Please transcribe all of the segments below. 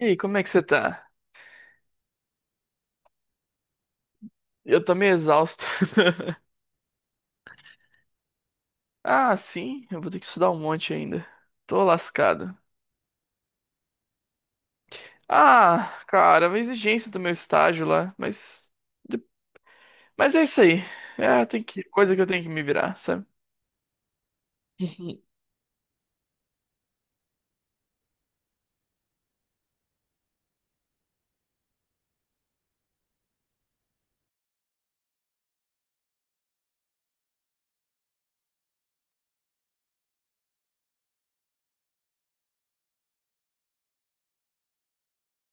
E aí, como é que você tá? Eu tô meio exausto. Ah, sim, eu vou ter que estudar um monte ainda. Tô lascado. Ah, cara, é uma exigência do meu estágio lá, mas. Mas é isso aí. É, tem que. Coisa que eu tenho que me virar, sabe? Uhum.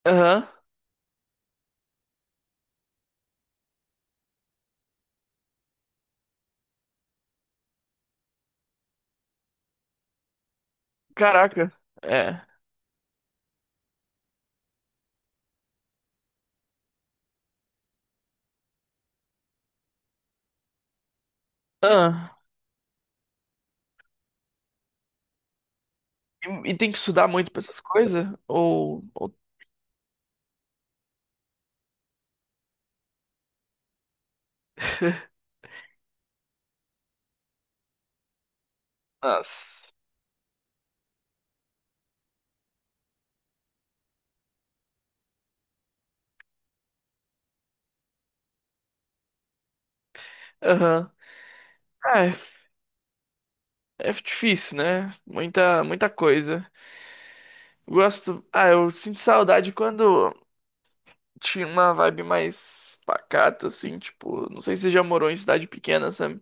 Aham. Caraca. É. Ah. E, tem que estudar muito pra essas coisas? Ou. Ou... Nossa. Aham. É, é difícil, né? Muita coisa. Gosto. Ah, eu sinto saudade quando. Tinha uma vibe mais pacata, assim, tipo, não sei se você já morou em cidade pequena, sabe?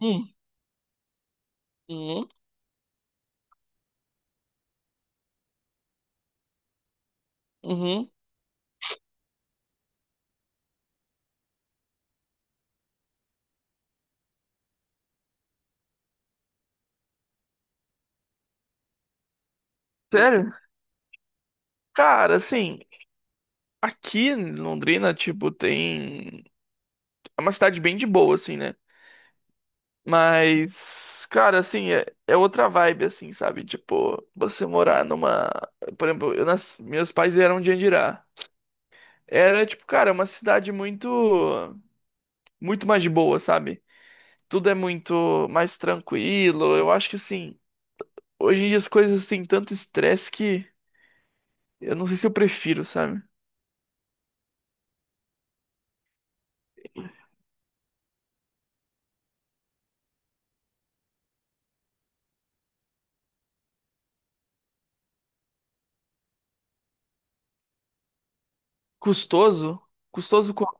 Hum, uhum, uhum. Sério? Cara, assim, aqui em Londrina, tipo, tem. É uma cidade bem de boa, assim, né? Mas, cara, assim, é outra vibe, assim, sabe? Tipo, você morar numa. Por exemplo, eu nas... meus pais eram de Andirá. Era, tipo, cara, uma cidade muito. Muito mais de boa, sabe? Tudo é muito mais tranquilo. Eu acho que, assim. Hoje em dia as coisas têm tanto estresse que eu não sei se eu prefiro, sabe? Custoso? Custoso como?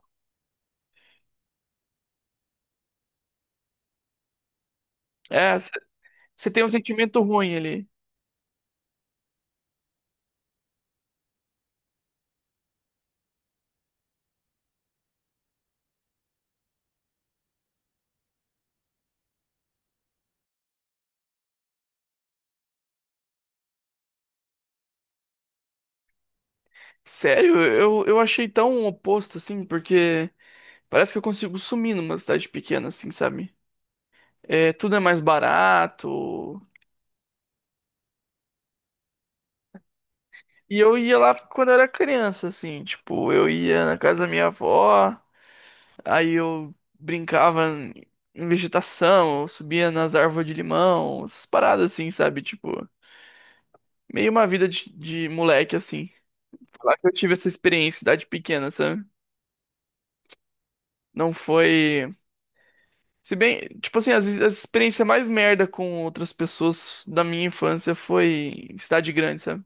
É, você tem um sentimento ruim ali. Sério, eu achei tão oposto assim, porque parece que eu consigo sumir numa cidade pequena, assim, sabe? É, tudo é mais barato. E eu ia lá quando eu era criança, assim, tipo, eu ia na casa da minha avó, aí eu brincava em vegetação, eu subia nas árvores de limão, essas paradas assim, sabe? Tipo. Meio uma vida de moleque, assim. Falar que eu tive essa experiência, idade pequena, sabe? Não foi. Se bem, tipo assim, as experiências mais merda com outras pessoas da minha infância foi em cidade grande, sabe?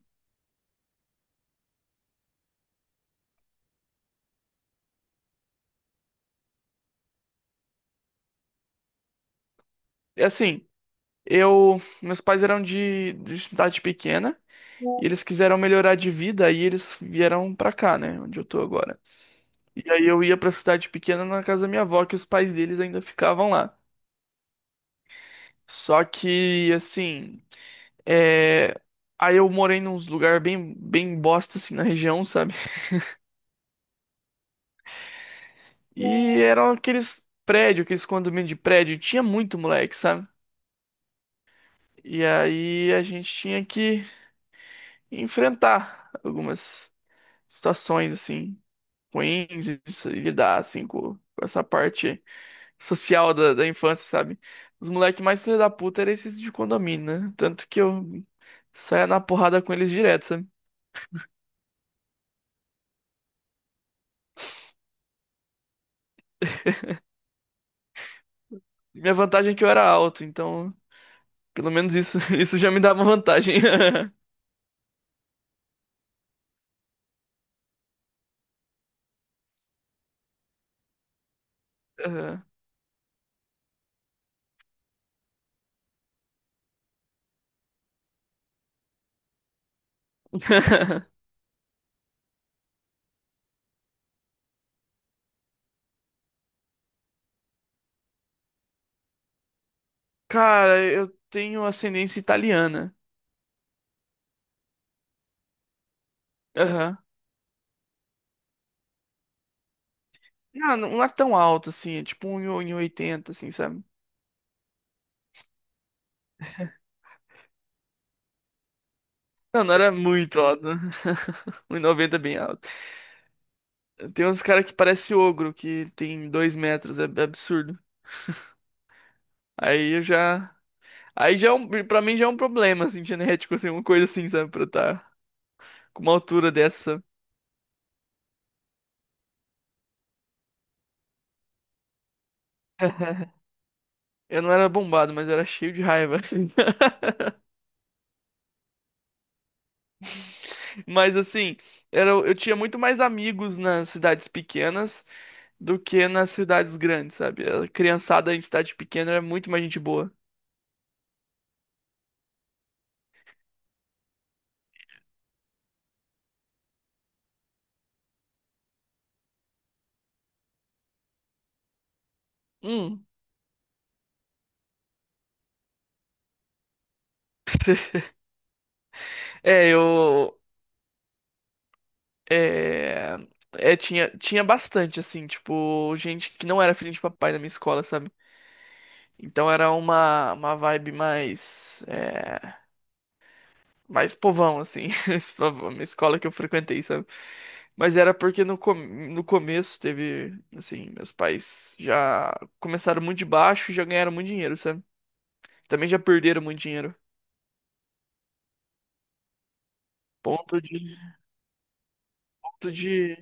É assim, eu. Meus pais eram de cidade pequena e eles quiseram melhorar de vida, aí eles vieram pra cá, né? Onde eu tô agora. E aí eu ia pra cidade pequena na casa da minha avó, que os pais deles ainda ficavam lá. Só que, assim. É, aí eu morei num lugar bem bosta, assim, na região, sabe? E eram aqueles prédios, aqueles condomínios de prédio. Tinha muito moleque, sabe? E aí a gente tinha que enfrentar algumas situações, assim, ruins e se lidar, assim, com essa parte social da infância, sabe? Os moleques mais filha da puta eram esses de condomínio, né? Tanto que eu saía na porrada com eles direto, sabe? Minha vantagem é que eu era alto, então pelo menos isso, isso já me dá uma vantagem. Aham. Cara, eu tenho ascendência italiana. Aham. Não, não é tão alto assim, é tipo 1,80 assim, sabe? Não, não era muito alto. Um 1,90 é bem alto. Tem uns caras que parece ogro, que tem 2 metros, é é absurdo. Aí eu já. Aí já é um, pra mim já é um problema, assim, genético, assim, uma coisa assim, sabe? Pra eu estar com uma altura dessa. Eu não era bombado, mas eu era cheio de raiva. Mas assim, era, eu tinha muito mais amigos nas cidades pequenas do que nas cidades grandes, sabe? A criançada em cidade pequena era muito mais gente boa. Hum. É, eu. É, tinha, tinha bastante, assim, tipo, gente que não era filho de papai na minha escola, sabe? Então era uma vibe mais. É, mais povão, assim, esse povão, uma escola que eu frequentei, sabe? Mas era porque no começo teve, assim, meus pais já começaram muito de baixo e já ganharam muito dinheiro, sabe? Também já perderam muito dinheiro. Ponto de, ponto de,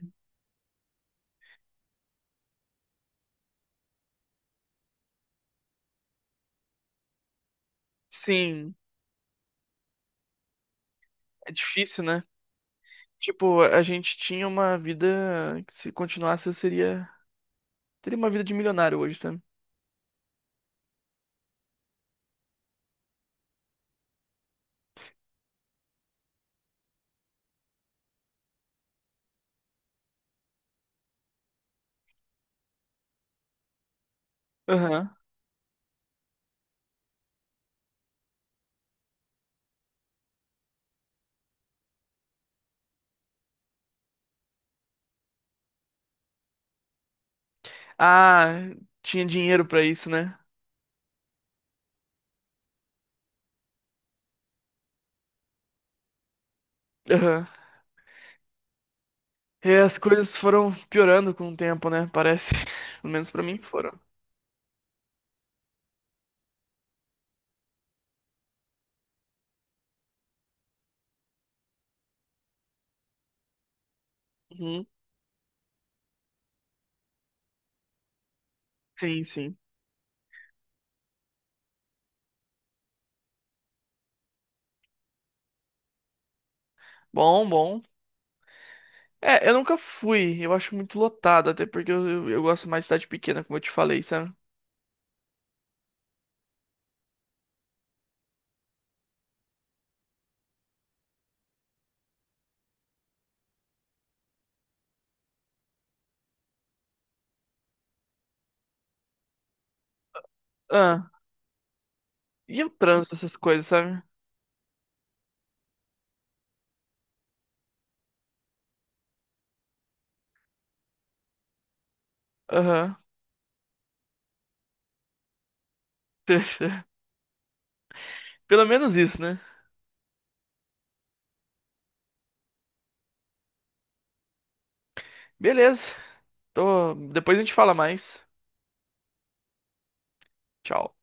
sim, é difícil, né? Tipo, a gente tinha uma vida que se continuasse eu seria, teria uma vida de milionário hoje, sabe? Aham. Ah, tinha dinheiro pra isso, né? Aham. E as coisas foram piorando com o tempo, né? Parece. Pelo menos pra mim foram. Uhum. Sim, sim. Bom, bom. É, eu nunca fui. Eu acho muito lotado, até porque eu gosto mais de cidade pequena, como eu te falei, sabe? Ah, e o trânsito, essas coisas, sabe? Aham. Pelo menos isso, né? Beleza. Tô... Depois a gente fala mais. Tchau.